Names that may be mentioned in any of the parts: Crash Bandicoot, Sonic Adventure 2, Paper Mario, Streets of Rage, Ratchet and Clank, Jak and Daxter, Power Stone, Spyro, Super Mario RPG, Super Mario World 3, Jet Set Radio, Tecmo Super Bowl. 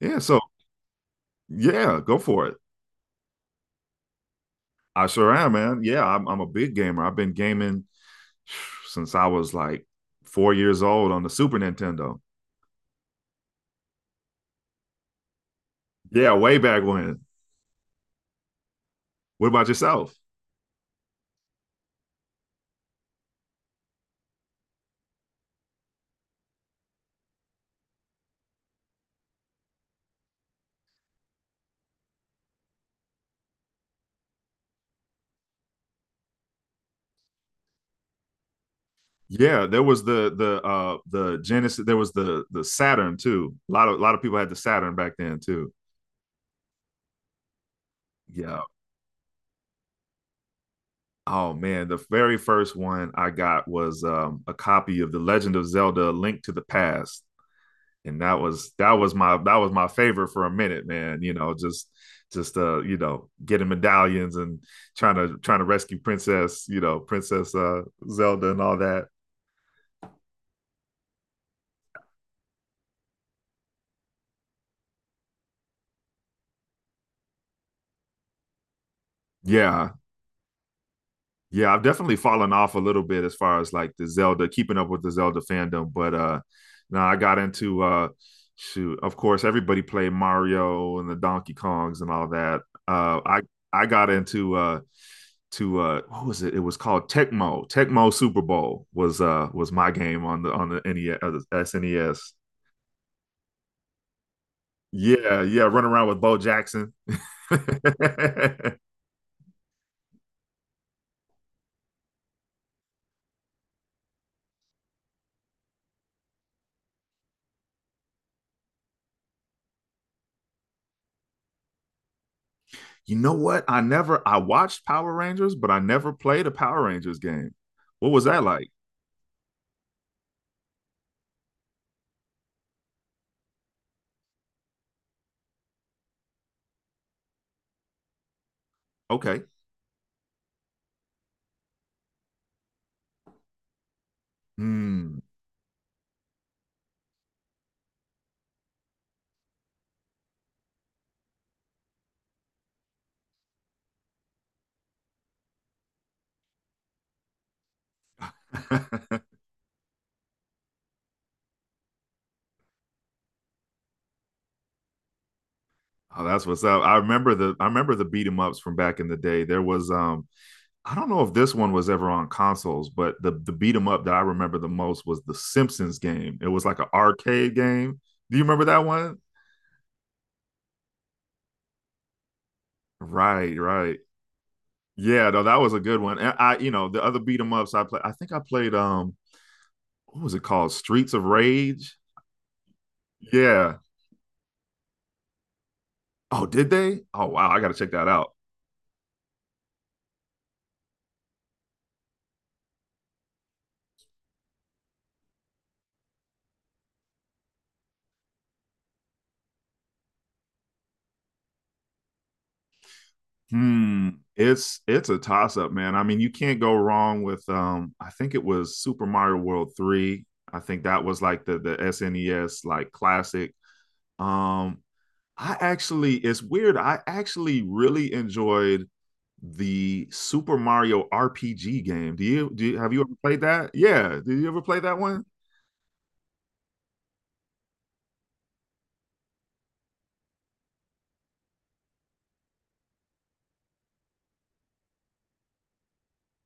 Yeah, so yeah, go for it. I sure am, man. Yeah, I'm a big gamer. I've been gaming since I was like 4 years old on the Super Nintendo. Yeah, way back when. What about yourself? Yeah, there was the Genesis. There was the Saturn too. A lot of people had the Saturn back then too. Yeah. Oh man, the very first one I got was a copy of The Legend of Zelda: A Link to the Past, and that was my favorite for a minute, man. You know, just you know, getting medallions and trying to rescue Princess, you know, Princess Zelda and all that. Yeah. Yeah, I've definitely fallen off a little bit as far as like the Zelda, keeping up with the Zelda fandom. But now I got into shoot, of course, everybody played Mario and the Donkey Kongs and all that. Uh I I got into to what was it? It was called Tecmo. Tecmo Super Bowl was my game on the NES the SNES. Yeah, yeah, run around with Bo Jackson. You know what? I never I watched Power Rangers, but I never played a Power Rangers game. What was that like? Okay. Hmm. Oh, that's what's up. I remember the beat 'em ups from back in the day. There was I don't know if this one was ever on consoles, but the beat 'em up that I remember the most was the Simpsons game. It was like an arcade game. Do you remember that one? Right, right. Yeah, no, that was a good one. And I, you know, the other beat 'em ups I played, I think I played what was it called? Streets of Rage. Yeah. Oh, did they? Oh wow, I gotta check that out. Hmm. It's a toss up, man. I mean, you can't go wrong with I think it was Super Mario World 3. I think that was like the SNES like classic. Um I actually, it's weird. I actually really enjoyed the Super Mario RPG game. Have you ever played that? Yeah, did you ever play that one?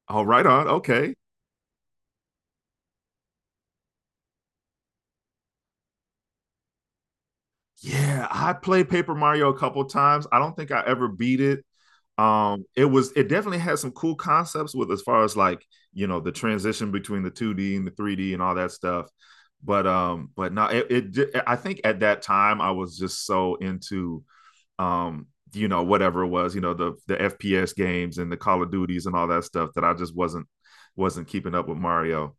Oh, right on. Okay. Yeah, I played Paper Mario a couple times. I don't think I ever beat it. It was it definitely had some cool concepts with as far as like you know the transition between the 2D and the 3D and all that stuff. But no, it I think at that time I was just so into um, you know whatever it was, you know the FPS games and the Call of Duties and all that stuff that I just wasn't keeping up with Mario.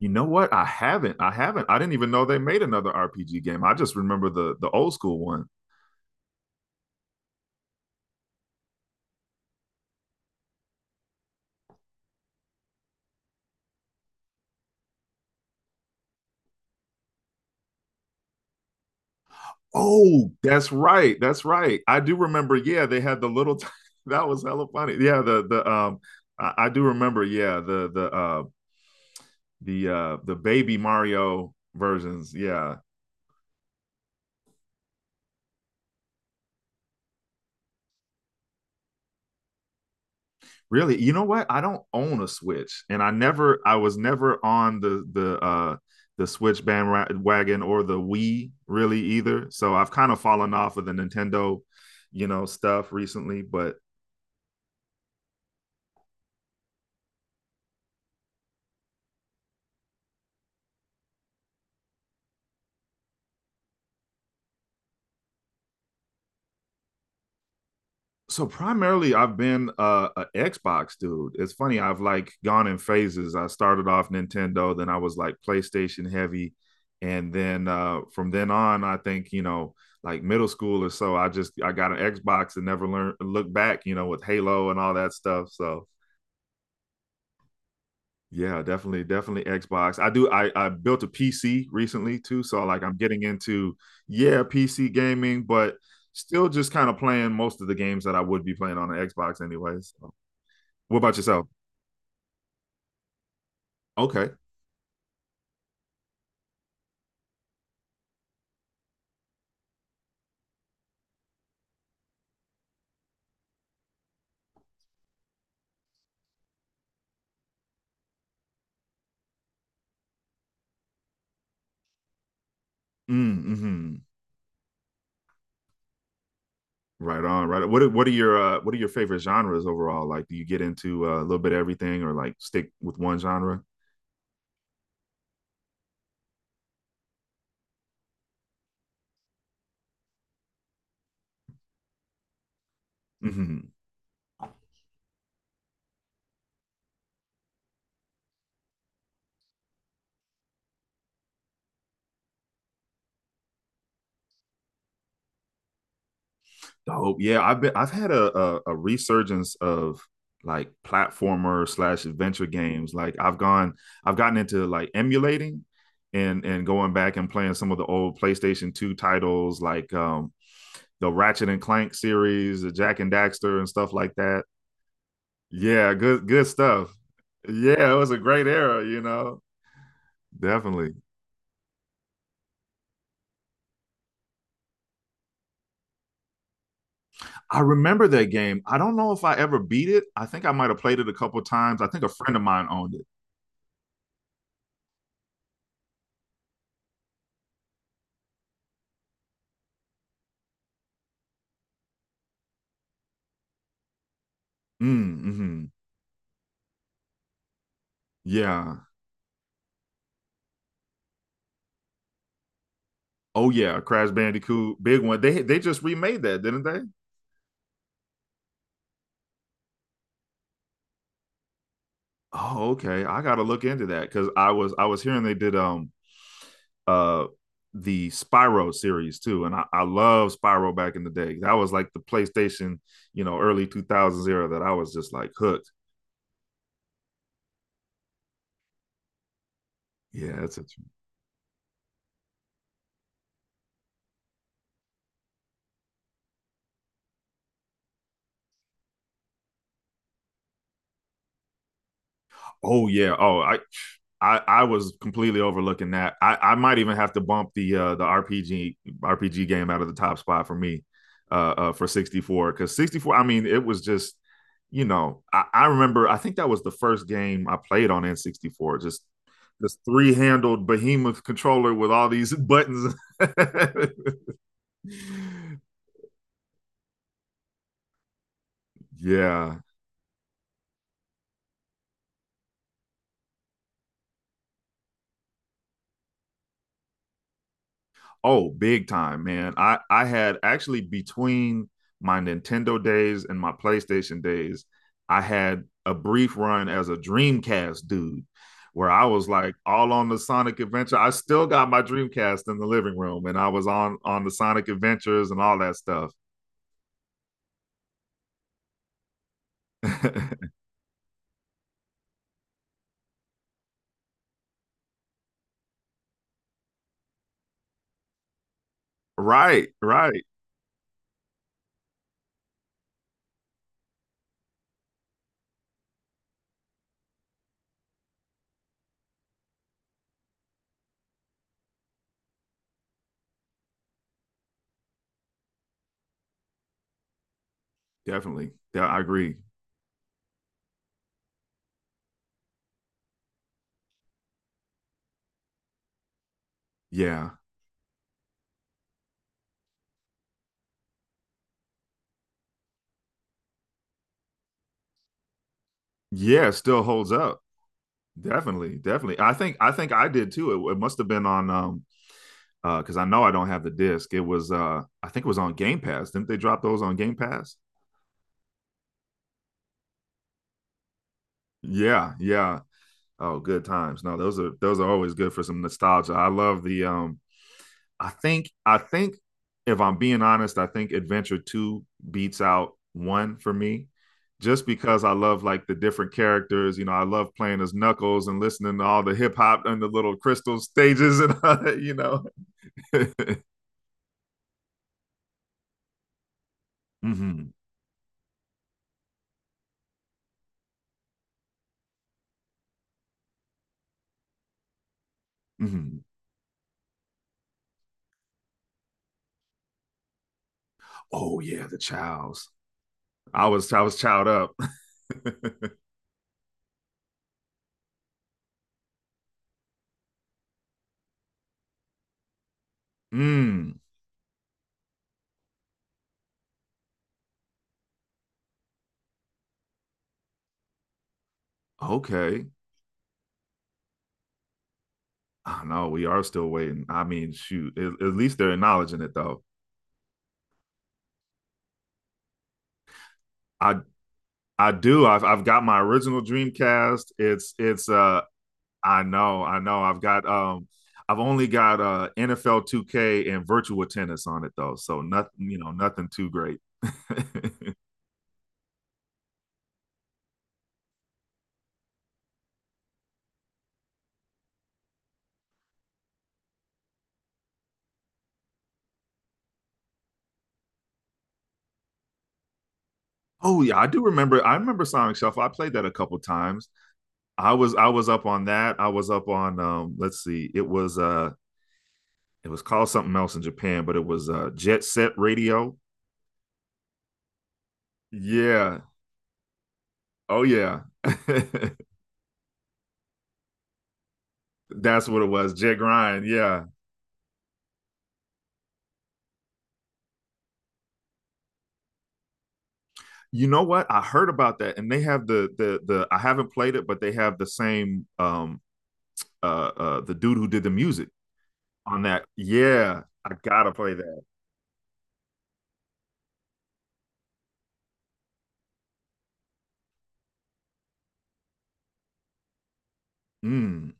You know what? I haven't. I didn't even know they made another RPG game. I just remember the old school one. Oh, that's right. That's right. I do remember. Yeah, they had the little. That was hella funny. Yeah, the I do remember. Yeah, the baby Mario versions. Yeah. Really? You know what? I don't own a Switch, and I was never on the Switch bandwagon or the Wii really either. So I've kind of fallen off of the Nintendo, you know, stuff recently. But so primarily I've been a Xbox dude. It's funny, I've like gone in phases. I started off Nintendo, then I was like PlayStation heavy, and then from then on I think you know like middle school or so I got an Xbox and never learned look back you know with Halo and all that stuff. So yeah, definitely definitely Xbox. I do i i built a PC recently too, so like I'm getting into yeah PC gaming, but still just kind of playing most of the games that I would be playing on an Xbox anyways. What about yourself? Okay. Mm, mm-hmm. Right on. Right. On. What are your what are your favorite genres overall? Like, do you get into a little bit of everything, or like stick with one genre? Mm-hmm. Dope. Yeah, I've been. I've had a resurgence of like platformer slash adventure games. Like, I've gone. I've gotten into like emulating, and going back and playing some of the old PlayStation Two titles, like the Ratchet and Clank series, the Jack and Daxter, and stuff like that. Yeah, good good stuff. Yeah, it was a great era, you know. Definitely. I remember that game. I don't know if I ever beat it. I think I might have played it a couple times. I think a friend of mine owned it. Mm, hmm. Yeah. Oh yeah, Crash Bandicoot, big one. They just remade that, didn't they? Oh, okay. I gotta look into that because I was hearing they did uh the Spyro series too, and I love Spyro back in the day. That was like the PlayStation, you know, early two thousands era that I was just like hooked. Yeah, that's it. Oh yeah. Oh, I was completely overlooking that. I might even have to bump the RPG RPG game out of the top spot for me for 64, cuz 64 I mean it was just you know, I remember I think that was the first game I played on N64, just this three-handled behemoth controller with all these buttons. Yeah. Oh, big time, man. I had actually between my Nintendo days and my PlayStation days, I had a brief run as a Dreamcast dude where I was like all on the Sonic Adventure. I still got my Dreamcast in the living room and I was on the Sonic Adventures and all that stuff. Right, right. Definitely. Yeah, I agree. Yeah. Yeah, it still holds up. Definitely, definitely. I did too. It must have been on because I know I don't have the disc. It was I think it was on Game Pass. Didn't they drop those on Game Pass? Yeah, yeah. Oh, good times. No, those are always good for some nostalgia. I love the. I think if I'm being honest, I think Adventure Two beats out one for me, just because I love like the different characters. You know, I love playing as Knuckles and listening to all the hip hop and the little crystal stages and all that, you know. mm-hmm, mm-hmm. Oh yeah, the Childs. I was chowed up. Mm, okay. I know we are still waiting. I mean, shoot, at least they're acknowledging it though. I I do. I've got my original Dreamcast. It's I know, I know. I've only got NFL 2K and virtual tennis on it though. So nothing, you know, nothing too great. Oh yeah, I remember Sonic Shuffle. I played that a couple times. I was up on that. I was up on let's see. It was it was called something else in Japan, but it was Jet Set Radio. Yeah. Oh yeah. That's what it was. Jet Grind. Yeah. You know what? I heard about that, and they have the the. I haven't played it, but they have the same the dude who did the music on that. Yeah, I gotta play that. Mm,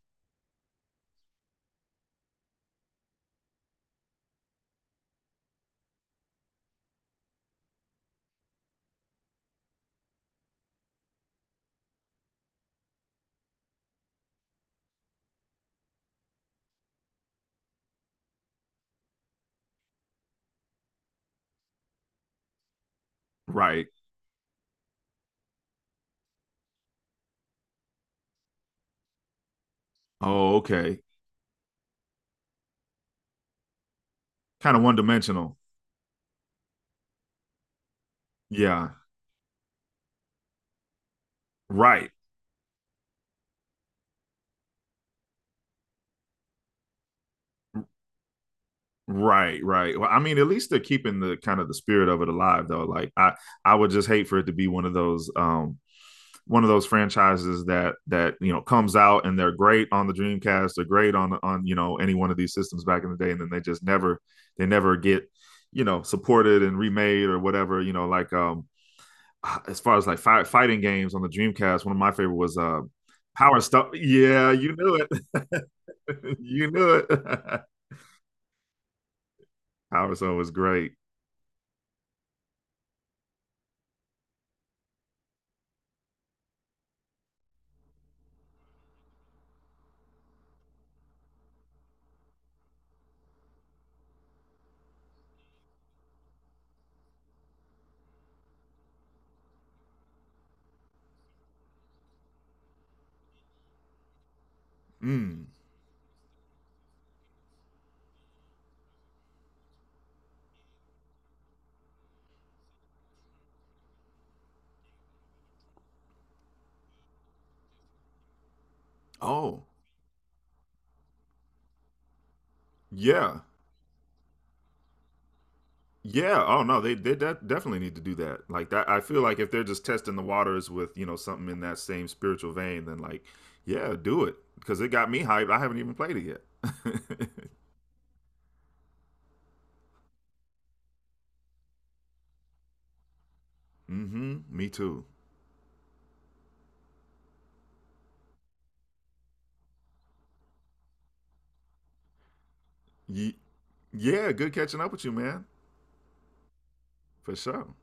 right. Oh, okay. Kind of one dimensional. Yeah. Right. Right, right. Well, I mean, at least they're keeping the kind of the spirit of it alive, though. I would just hate for it to be one of those franchises that you know comes out and they're great on the Dreamcast, they're great on you know any one of these systems back in the day, and then they never get, you know, supported and remade or whatever. You know, like as far as like fighting games on the Dreamcast, one of my favorite was Power Stone. Yeah, you knew it. You knew it. Power Stone was great. Mm. Oh, yeah. Yeah. Oh no, they definitely need to do that. Like that I feel like if they're just testing the waters with, you know, something in that same spiritual vein, then like, yeah, do it because it got me hyped. I haven't even played it yet. Mhm. Me too. Ye- yeah, good catching up with you, man. For sure.